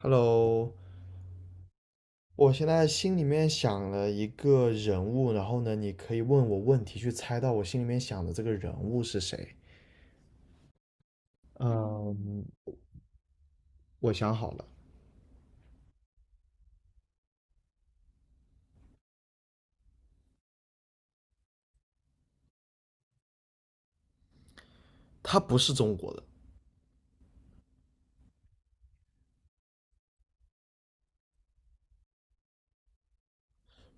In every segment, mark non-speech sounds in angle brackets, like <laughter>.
Hello，我现在心里面想了一个人物，然后呢，你可以问我问题，去猜到我心里面想的这个人物是谁。嗯，我想好了，他不是中国的。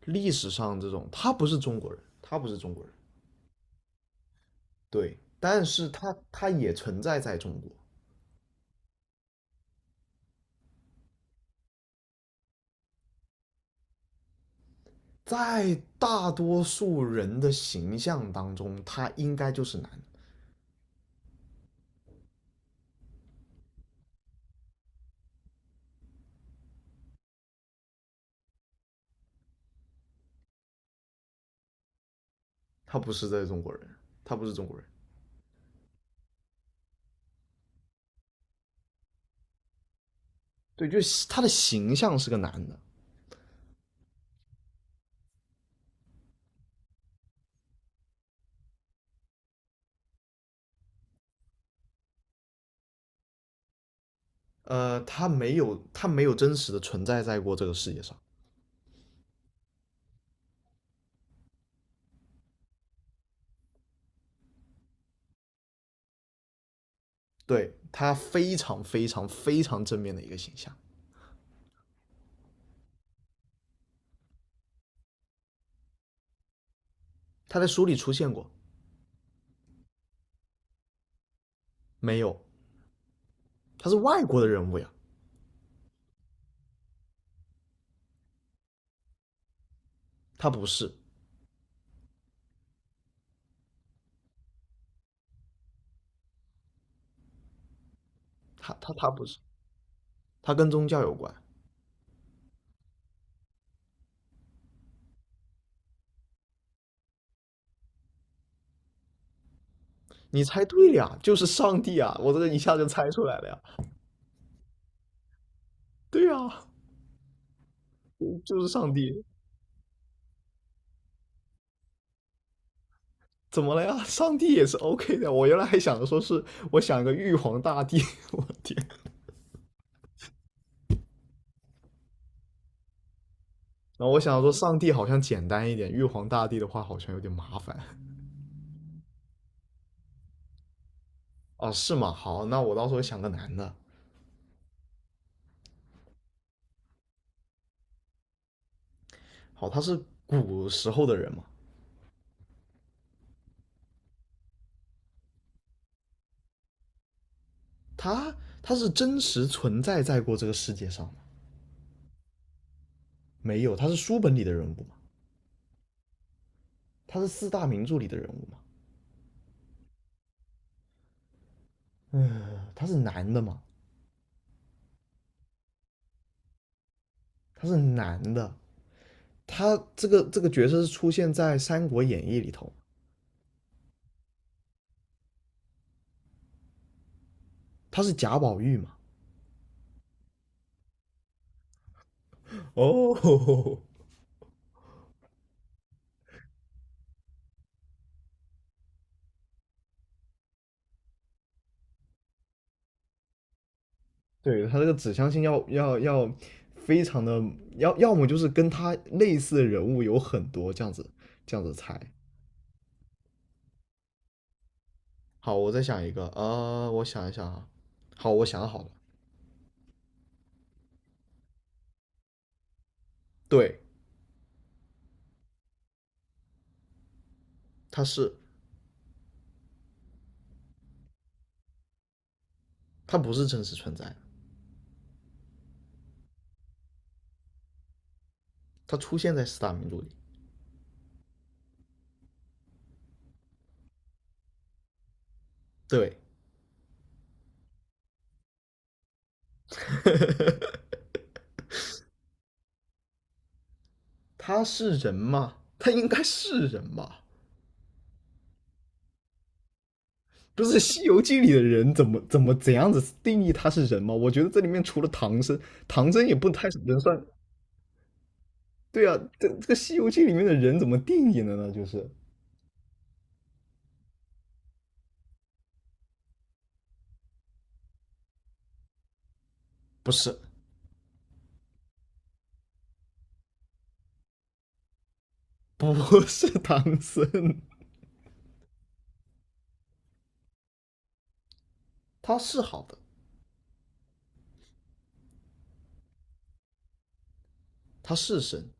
历史上这种他不是中国人，他不是中国人。对，但是他也存在在中国。在大多数人的形象当中，他应该就是男的。他不是在中国人，他不是中国人。对，就是他的形象是个男的。他没有真实的存在在过这个世界上。对，他非常非常非常正面的一个形象。他在书里出现过。没有？他是外国的人物呀。他不是，他不是，他跟宗教有关。你猜对了呀，就是上帝啊！我这个一下就猜出来了呀。对呀、嗯就是上帝。怎么了呀？上帝也是 OK 的。我原来还想着说是我想个玉皇大帝，<laughs> 我天！然后我想说上帝好像简单一点，玉皇大帝的话好像有点麻烦。哦，是吗？好，那我到时候想个男的。好，他是古时候的人吗？他他是真实存在在过这个世界上吗？没有，他是书本里的人物吗？他是四大名著里的人物吗？他是男的吗？他是男的。他这个角色是出现在《三国演义》里头，他是贾宝玉嘛？哦，对，他这个指向性要非常的，要么就是跟他类似的人物有很多，这样子猜。好，我再想一个，我想一想啊。好，我想好了。对，他是。他不是真实存在的。它出现在四大名著里。对，<laughs> 他是人吗？他应该是人吧？不是《西游记》里的人怎样子定义他是人吗？我觉得这里面除了唐僧，唐僧也不太能算。对啊，这个《西游记》里面的人怎么定义的呢？就是不是不 <laughs> 是唐僧。<laughs> 他是好的。他是神。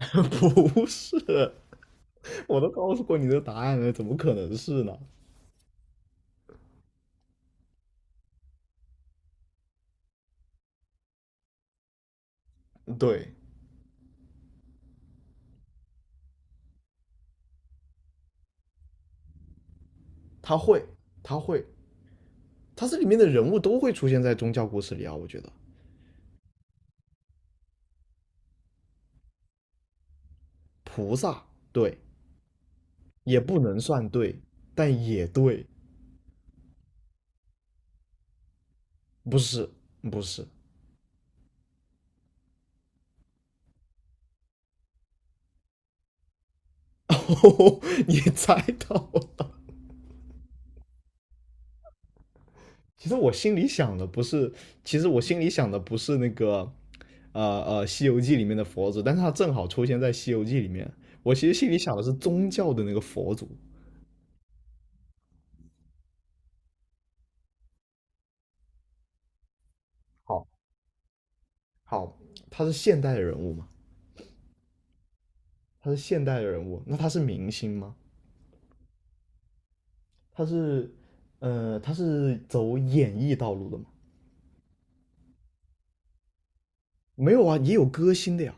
<laughs> 不是。我都告诉过你的答案了，怎么可能是呢？对，他会，他会，他这里面的人物都会出现在宗教故事里啊。我觉得菩萨对，也不能算对，但也对。不是，不是。哦，<laughs> 你猜到了。其实我心里想的不是，其实我心里想的不是那个。《西游记》里面的佛祖，但是他正好出现在《西游记》里面。我其实心里想的是宗教的那个佛祖。好，好，他是现代的人物嘛？他是现代的人物，那他是明星吗？他是。他是走演艺道路的吗？没有啊，也有歌星的呀。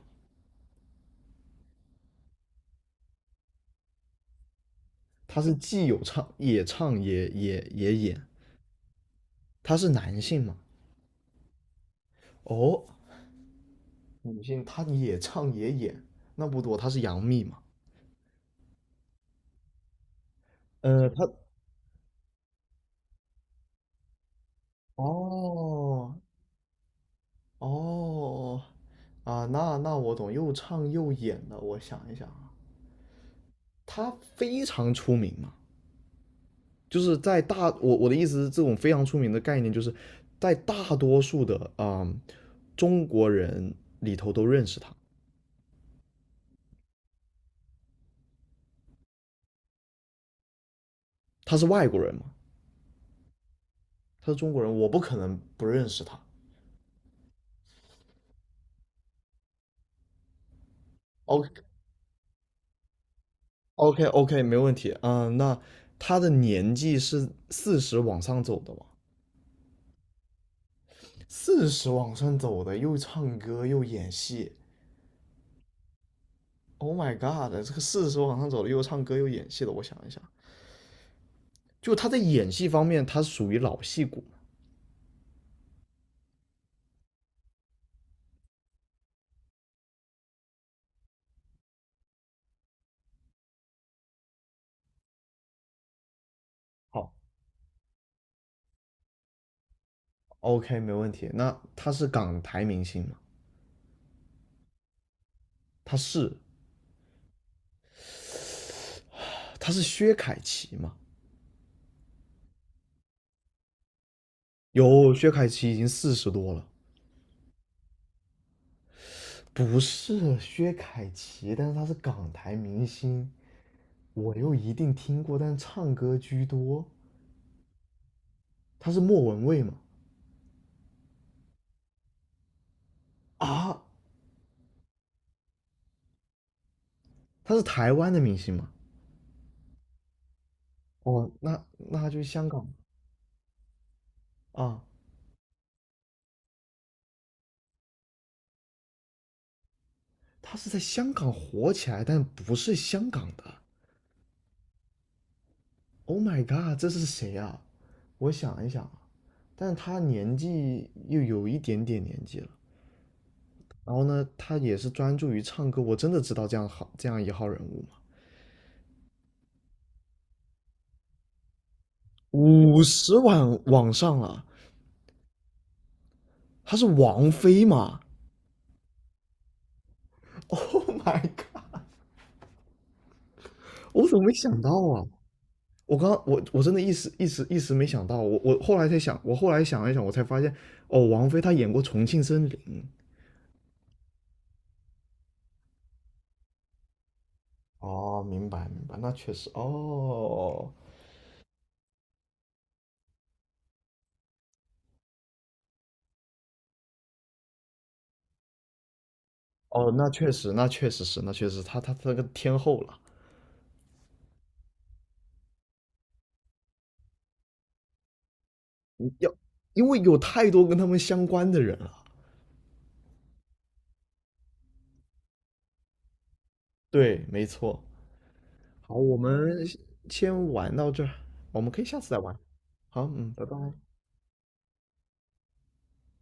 他是既有唱也演，他是男性嘛？哦，女性他也唱也演，那不多，他是杨幂嘛？呃，他哦哦啊，那我懂，又唱又演的，我想一想啊。他非常出名嘛，就是在大我我的意思是，这种非常出名的概念，就是在大多数的中国人里头都认识他。他是外国人嘛？他是中国人，我不可能不认识他。OK OK OK，没问题。嗯，那他的年纪是四十往上走的嘛？四十往上走的，又唱歌又演戏。Oh my god！这个40往上走的，又唱歌又演戏的，我想一想，就他在演戏方面，他属于老戏骨。好，OK，没问题。那他是港台明星吗？他是他是薛凯琪吗？有，薛凯琪已经40多了。不是薛凯琪，但是他是港台明星，我又一定听过，但是唱歌居多。他是莫文蔚吗？啊，他是台湾的明星吗？哦，那他就是香港啊，他是在香港火起来，但不是香港的。Oh my god，这是谁啊？我想一想啊，但他年纪又有一点点年纪了。然后呢，他也是专注于唱歌。我真的知道这样一号人物吗？50万往上了，他是王菲吗？Oh my god，我怎么没想到啊？我刚我我真的一时没想到，我后来才想，我后来想了一想，我才发现，哦，王菲她演过《重庆森林》。哦，明白明白，那确实哦，哦，那确实，那确实是，那确实，他那个天后了。要因为有太多跟他们相关的人了。对，没错。好，我们先玩到这儿，我们可以下次再玩。好，嗯，拜拜。